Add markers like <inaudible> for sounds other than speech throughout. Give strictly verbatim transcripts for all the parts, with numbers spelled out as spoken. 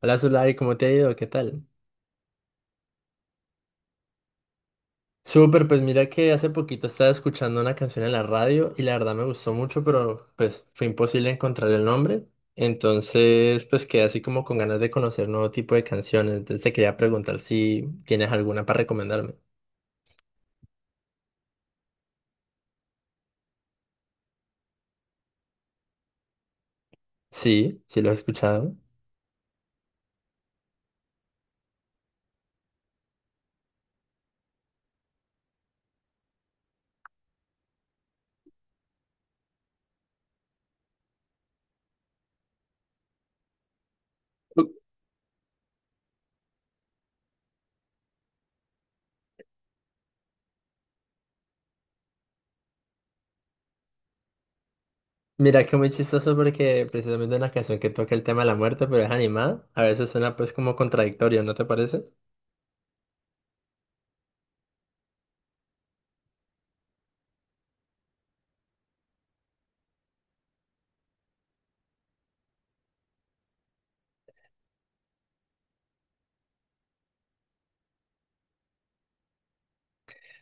Hola Zulay, ¿cómo te ha ido? ¿Qué tal? Súper, pues mira que hace poquito estaba escuchando una canción en la radio y la verdad me gustó mucho, pero pues fue imposible encontrar el nombre. Entonces, pues quedé así como con ganas de conocer nuevo tipo de canciones. Entonces te quería preguntar si tienes alguna para recomendarme. Sí, sí lo he escuchado. Mira que muy chistoso porque precisamente una canción que toca el tema de la muerte, pero es animada. A veces suena pues como contradictorio, ¿no te parece?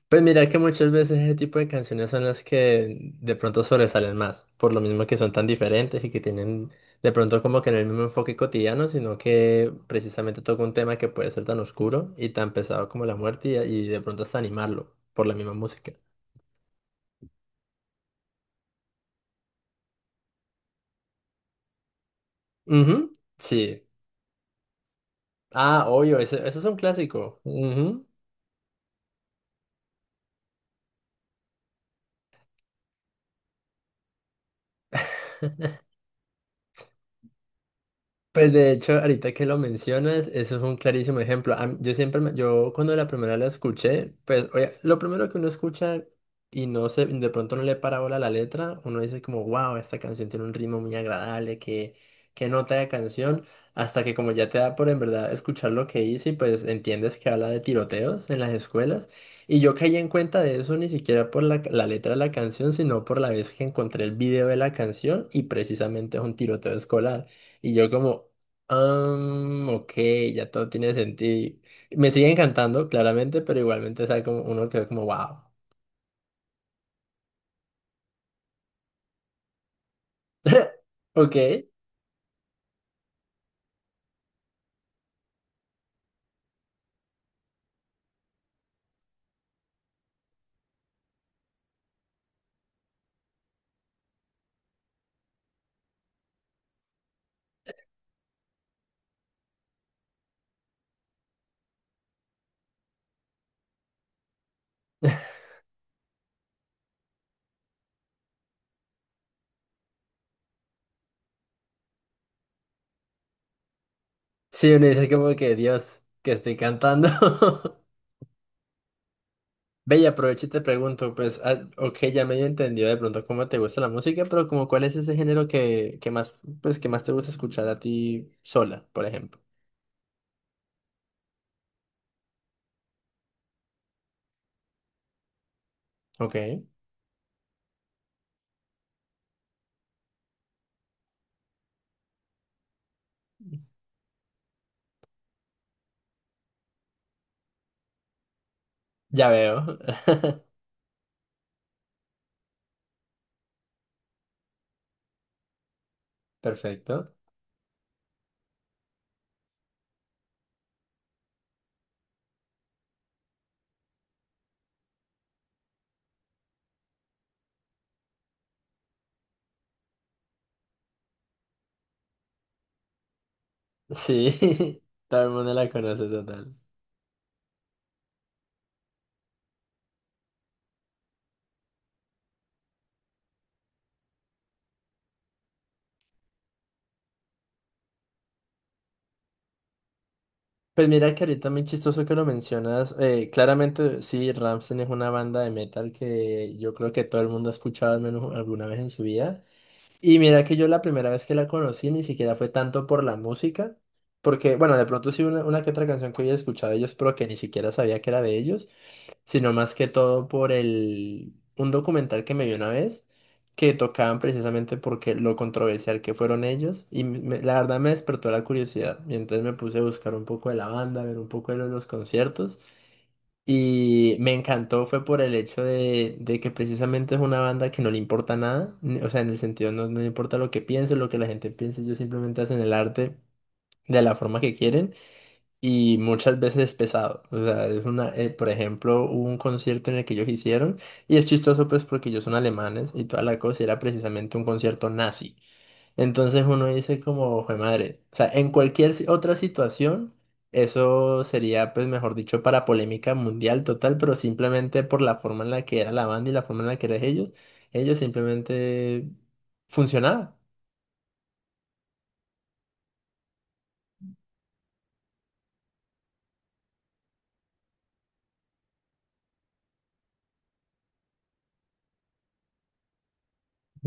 Pues mira que muchas veces ese tipo de canciones son las que de pronto sobresalen más, por lo mismo que son tan diferentes y que tienen de pronto como que no el mismo enfoque cotidiano, sino que precisamente toca un tema que puede ser tan oscuro y tan pesado como la muerte y, y de pronto hasta animarlo por la misma música. Ujú, sí. Ah, obvio, ese, eso es un clásico. Ujú. Pues de hecho, ahorita que lo mencionas, eso es un clarísimo ejemplo. A mí- Yo siempre, me- yo cuando la primera la escuché, pues oye, lo primero que uno escucha y no se, de pronto no le para bola la letra, uno dice como, wow, esta canción tiene un ritmo muy agradable, que qué nota de canción, hasta que como ya te da por en verdad escuchar lo que dice y pues entiendes que habla de tiroteos en las escuelas. Y yo caí en cuenta de eso ni siquiera por la, la letra de la canción, sino por la vez que encontré el video de la canción y precisamente es un tiroteo escolar. Y yo como, um, ok, ya todo tiene sentido. Me sigue encantando, claramente, pero igualmente, o sea, como uno quedó como, wow. <laughs> Ok. Sí, uno dice como que, Dios, que estoy cantando. <laughs> Ve y aprovecho y te pregunto, pues, ah, ok, ya medio entendido de pronto cómo te gusta la música, pero como cuál es ese género que, que más, pues, que más te gusta escuchar a ti sola, por ejemplo. Ok, ya veo. <laughs> Perfecto. Sí, <laughs> todo el mundo la conoce total. Pues mira que ahorita muy chistoso que lo mencionas. Eh, claramente, sí, Rammstein es una banda de metal que yo creo que todo el mundo ha escuchado al menos alguna vez en su vida. Y mira que yo la primera vez que la conocí ni siquiera fue tanto por la música, porque, bueno, de pronto sí una, una que otra canción que había escuchado de ellos, pero que ni siquiera sabía que era de ellos sino más que todo por el un documental que me vi una vez que tocaban precisamente porque lo controversial que fueron ellos y me- la verdad me despertó la curiosidad y entonces me puse a buscar un poco de la banda, ver un poco de lo- de los conciertos y me encantó fue por el hecho de, de que precisamente es una banda que no le importa nada, ni- o sea, en el sentido no, no le importa lo que piense, lo que la gente piense, ellos simplemente hacen el arte de la forma que quieren y muchas veces pesado. O sea, es una, eh, por ejemplo, hubo un concierto en el que ellos hicieron y es chistoso pues porque ellos son alemanes y toda la cosa y era precisamente un concierto nazi. Entonces uno dice como, fue madre, o sea, en cualquier si- otra situación, eso sería pues mejor dicho para polémica mundial total, pero simplemente por la forma en la que era la banda y la forma en la que eran ellos, ellos simplemente funcionaba.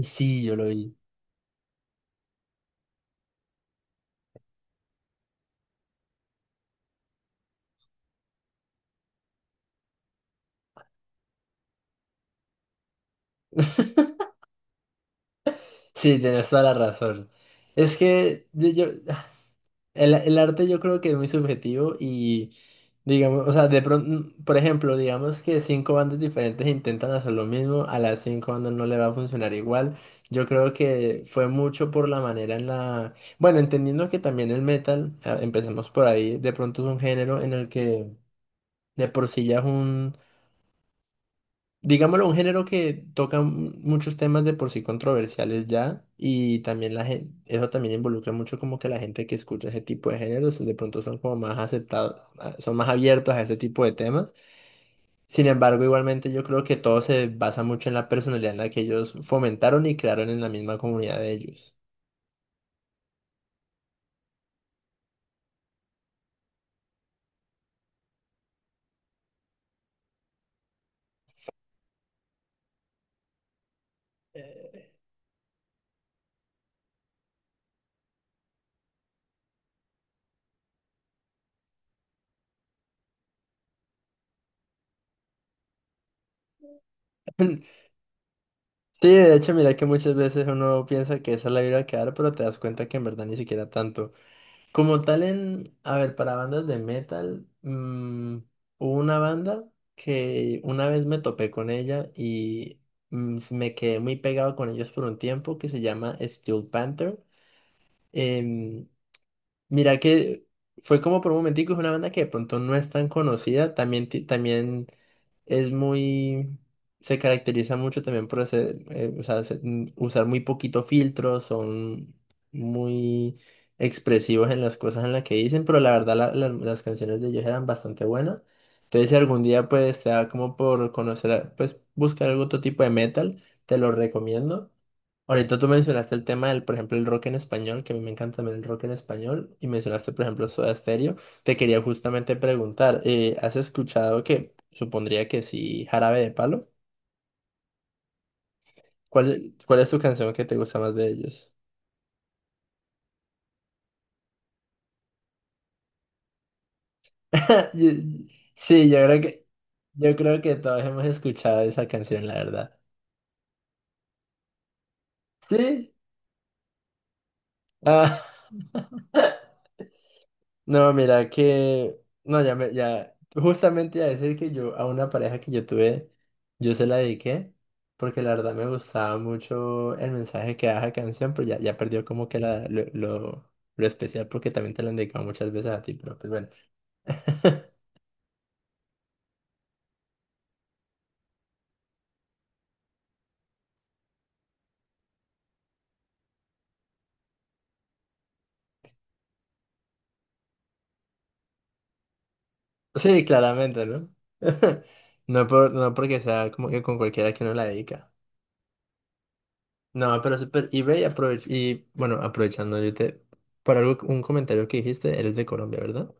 Sí, yo lo vi. Sí, tienes toda la razón. Es que yo, yo- El, el arte yo creo que es muy subjetivo y, digamos, o sea, de pronto, mm, por ejemplo, digamos que cinco bandas diferentes intentan hacer lo mismo, a las cinco bandas no le va a funcionar igual. Yo creo que fue mucho por la manera en la... Bueno, entendiendo que también el metal, ah, empecemos por ahí, de pronto es un género en el que de por sí ya es un... Digámoslo, un género que toca mu- muchos temas de por sí controversiales ya y también la gente, eso también involucra mucho como que la gente que escucha ese tipo de géneros de pronto son como más aceptados, ah, son más abiertos a ese tipo de temas. Sin embargo, igualmente yo creo que todo se basa mucho en la personalidad en la que ellos fomentaron y crearon en la misma comunidad de ellos. Eh, <laughs> sí, de hecho, mira que muchas veces uno piensa que esa es la vida que dar, pero te das cuenta que en verdad ni siquiera tanto. Como tal en, a ver, para bandas de metal, mm, hubo una banda que una vez me topé con ella y mm, s- me quedé muy pegado con ellos por un tiempo que se llama Steel Panther. Em, Mira que fue como por un momentico, es una banda que de pronto no es tan conocida, también, ti- también es muy, se caracteriza mucho también por hacer, eh, o sea, se- mm, usar muy poquito filtro, son muy expresivos en las cosas en las que dicen, pero la verdad la- la- las canciones de ellos eran bastante buenas. Entonces si algún día pues te da como por conocer, a- pues buscar algún otro tipo de metal, te lo recomiendo. Ahorita tú mencionaste el tema del, por ejemplo, el rock en español, que a mí me encanta también el rock en español, y mencionaste, por ejemplo, Soda Stereo. Te quería justamente preguntar, eh, ¿has escuchado que, supondría que sí, Jarabe de Palo? ¿Cuál, cuál es tu canción que te gusta más de ellos? <laughs> Yo- Sí, yo creo que, yo creo que todos hemos escuchado esa canción, la verdad. ¿Sí? Ah. <laughs> No, mira que, no, ya me, ya, justamente iba a decir que yo, a una pareja que yo tuve, yo se la dediqué, porque la verdad me gustaba mucho el mensaje que daba la canción, pero ya, ya perdió como que la, lo, lo, lo especial, porque también te lo han dedicado muchas veces a ti, pero pues bueno. <laughs> Sí, claramente, ¿no? <laughs> No por, no porque sea como que con cualquiera que uno la dedica. No, pero súper, y ve y aprovech- y bueno, aprovechando, yo te, por algo, un comentario que dijiste, eres de Colombia, ¿verdad?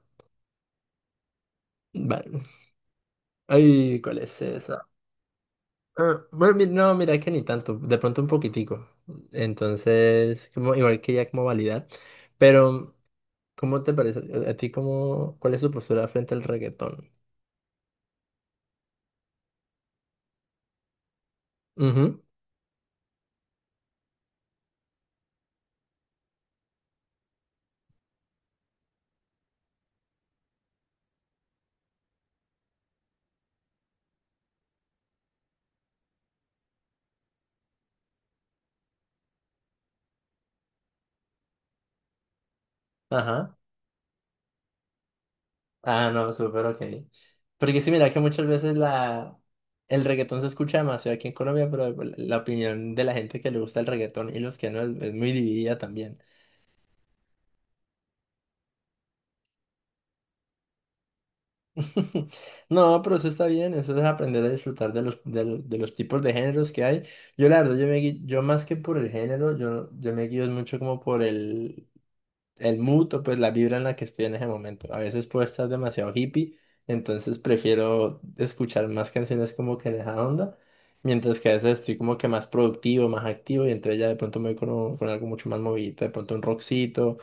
Vale. Ay, ¿cuál es esa? Ah, bueno, mi- no, mira que ni tanto, de pronto un poquitico. Entonces, como, igual que ya como validar. Pero, ¿cómo te parece? ¿A ti cómo, cuál es tu postura frente al reggaetón? Ujú, ajá. Ah, no, súper ok. Porque sí, mira que muchas veces la, el reggaetón se escucha demasiado aquí en Colombia, pero la opinión de la gente que le gusta el reggaetón y los que no es, es muy dividida también. <laughs> No, pero eso está bien, eso es aprender a disfrutar de los, de, lo- de los tipos de géneros que hay. Yo la verdad, yo, me, gui- yo más que por el género, yo, yo me guío mucho como por el, el mood o pues la vibra en la que estoy en ese momento. A veces puedo estar demasiado hippie, entonces prefiero escuchar más canciones como que en esa onda, mientras que a veces estoy como que más productivo, más activo y entonces ya de pronto me voy con, un- con algo mucho más movidito, de pronto un rockcito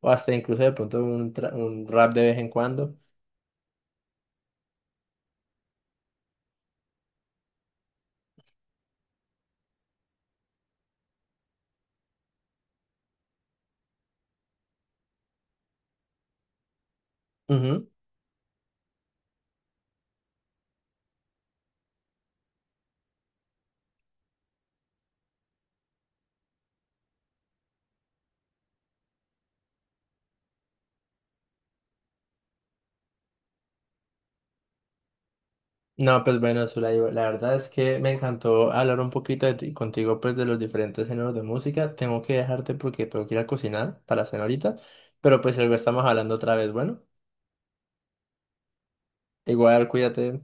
o hasta incluso de pronto un, tra- un rap de vez en cuando. No, pues bueno, Zulay, la verdad es que me encantó hablar un poquito de ti- contigo, pues de los diferentes géneros de música. Tengo que dejarte porque tengo que ir a cocinar para cenar ahorita, pero pues luego estamos hablando otra vez. Bueno, igual cuídate.